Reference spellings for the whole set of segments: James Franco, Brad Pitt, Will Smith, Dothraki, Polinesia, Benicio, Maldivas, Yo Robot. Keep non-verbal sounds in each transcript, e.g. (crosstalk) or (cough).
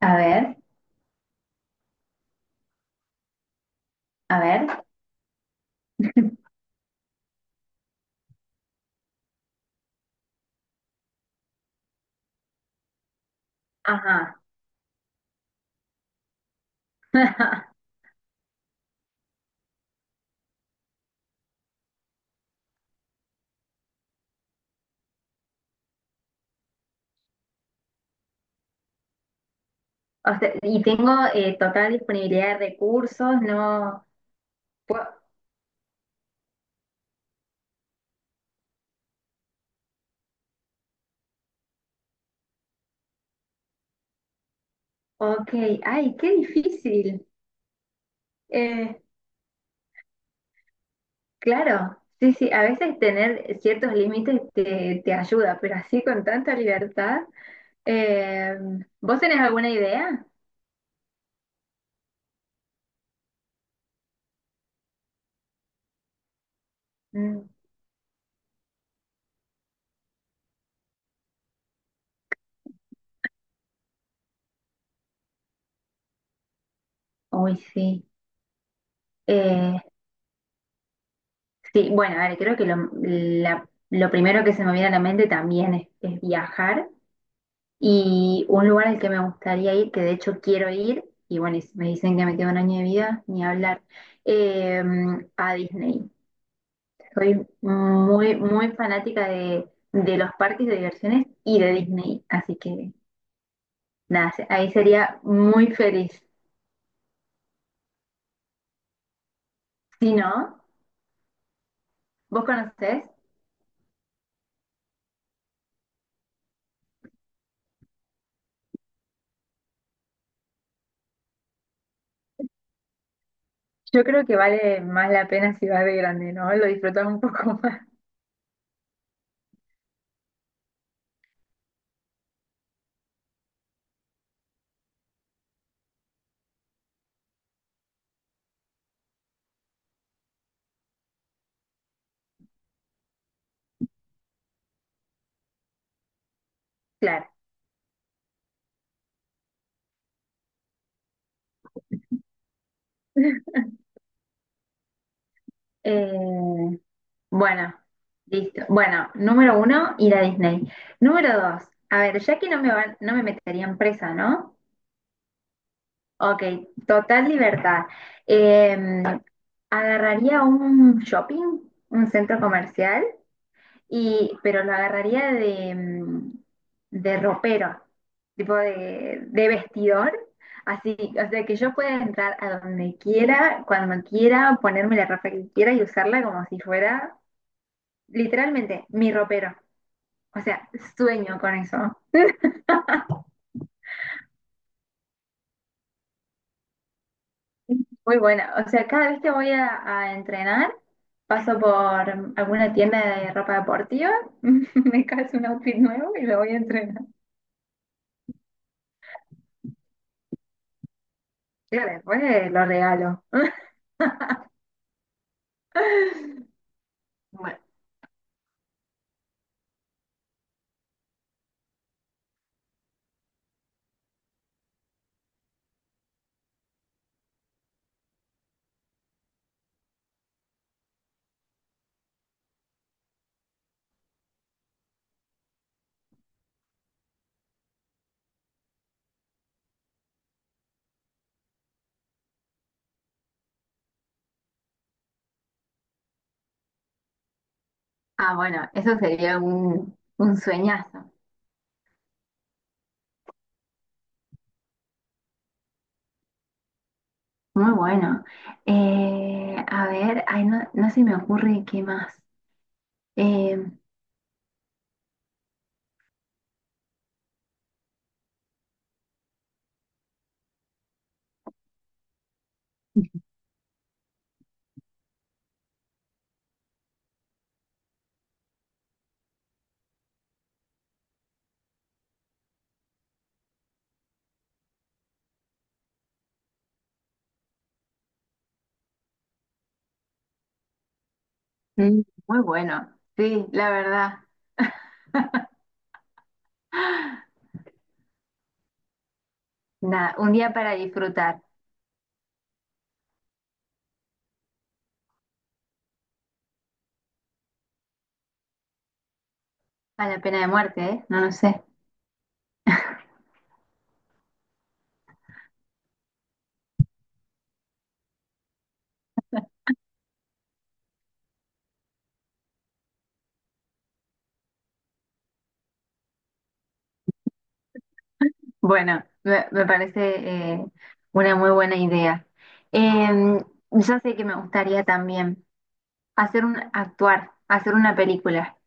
A ver, a ver. (laughs) Ajá. (laughs) O sea, y tengo total disponibilidad de recursos, no. Pu- Ok, ay, qué difícil. Eh, claro, sí, sí, a veces tener ciertos límites te ayuda, pero así con tanta libertad. eh, ¿Vos tenés alguna idea? Mm. Uy, sí. Eh, sí, bueno, a ver, creo que lo primero que se me viene a la mente también es viajar. Y un lugar al que me gustaría ir, que de hecho quiero ir, y bueno, y si me dicen que me queda un año de vida, ni hablar, eh, a Disney. Soy muy, muy fanática de los parques de diversiones y de Disney, así que nada, ahí sería muy feliz. Si no, ¿vos conocés? Yo creo que vale más la pena si vas de grande, ¿no? Lo disfrutas un poco (laughs) más. Claro. Eh, bueno, Listo. Bueno, número uno, ir a Disney. Número dos, a ver, ya que no me meterían presa, ¿no? Ok, total libertad. Eh, Agarraría un shopping, un centro comercial, y, pero lo agarraría de ropero, tipo de vestidor. Así, o sea, que yo pueda entrar a donde quiera, cuando quiera, ponerme la ropa que quiera y usarla como si fuera literalmente mi ropero. O sea, sueño con eso. Muy buena. O sea, cada vez que a entrenar, paso por alguna tienda de ropa deportiva, (laughs) me calzo un outfit nuevo y lo voy a entrenar. Y después lo regalo. (laughs) Bueno, ah, bueno, eso sería un sueñazo. Muy bueno. A ver, ay, no, no se me ocurre qué más. Eh, Mm, muy bueno, sí, la verdad. Nada, un día para disfrutar. A la pena de muerte, ¿eh? No lo sé. Bueno, me parece una muy buena idea. Eh, yo sé que me gustaría también hacer un, actuar, hacer una película.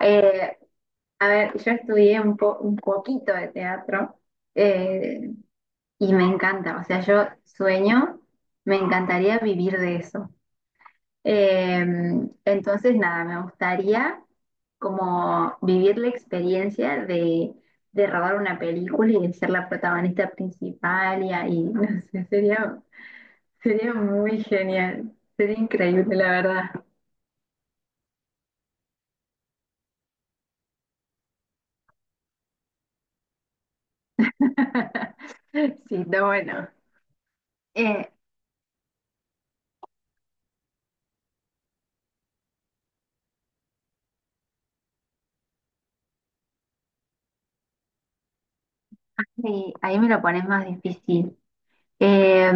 Eh, a ver, yo estudié un poquito de teatro eh, y me encanta. O sea, yo sueño, me encantaría vivir de eso. Eh, entonces, nada, me gustaría como vivir la experiencia de robar una película y de ser la protagonista principal y ahí, (laughs) no sé, sería, sería muy genial, sería increíble, la verdad. (laughs) Sí, está bueno. Eh, sí, ahí me lo pones más difícil. Eh,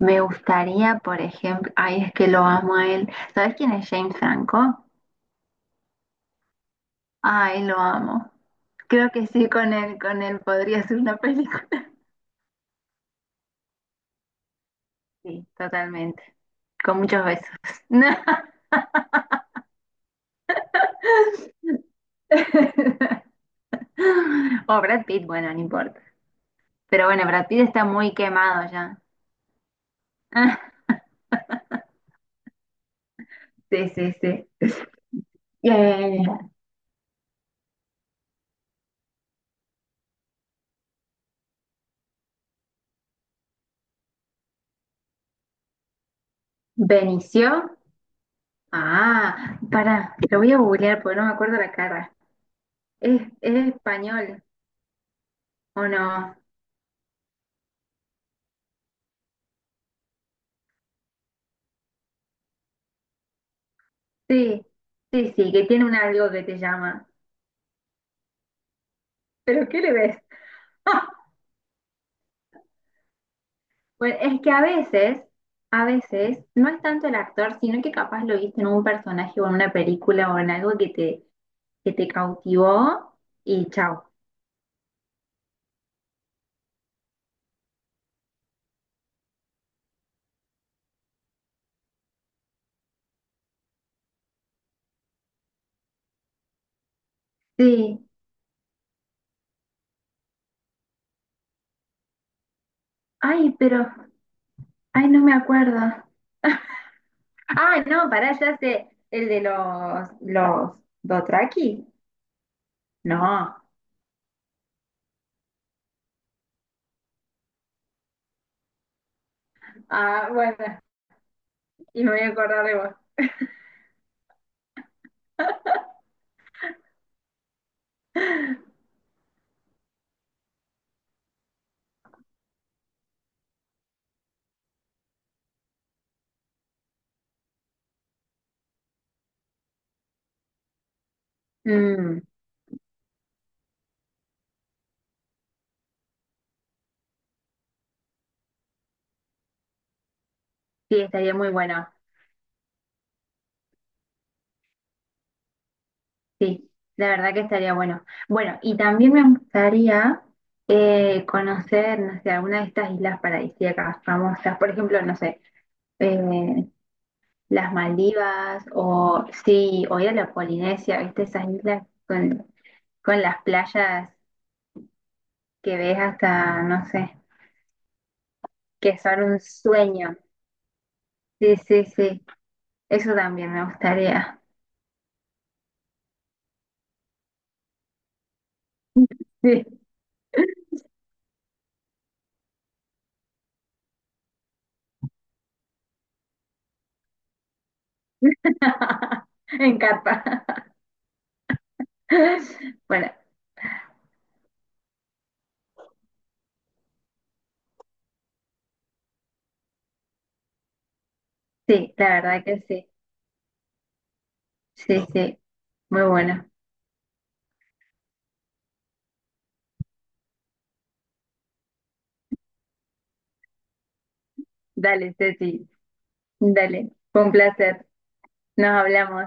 Me gustaría, por ejemplo, ay, es que lo amo a él. ¿Sabes quién es James Franco? Ay, lo amo. Creo que sí, con él podría ser una película. (laughs) Sí, totalmente. Con muchos besos. (laughs) No. O Brad Pitt, bueno, no importa. Pero bueno, Brad Pitt está muy quemado ya. (laughs) Ah, sí, sí, sí. Eh, Benicio. Ah, para, lo voy a googlear porque no me acuerdo la cara. Es español o no? Sí, sí, sí, que tiene un algo que te llama. ¿Pero qué le ves? (laughs) Pues es que a veces, no es tanto el actor, sino que capaz lo viste en un personaje o en una película o en algo que que te cautivó y chao. Sí. Ay, pero, ay, no me acuerdo. (laughs) Ah, no, pará, ya sé, el de los Dothraki. No. Ah, bueno, y me voy a acordar de vos. (laughs) Mm, sí, estaría muy bueno. Sí, la verdad que estaría bueno. Bueno, y también me gustaría conocer, no sé, alguna de estas islas paradisíacas famosas, por ejemplo, no sé, eh, las Maldivas o sí, o ir a la Polinesia, ¿viste? Esas islas con las playas que ves hasta, no sé, que son un sueño. Sí, sí, sí, eso también me gustaría. Sí, (laughs) me encanta. (laughs) Bueno, sí, la verdad que sí. Sí, sí. Muy buena. Dale, Ceci. Dale. Fue un placer. Nos hablamos.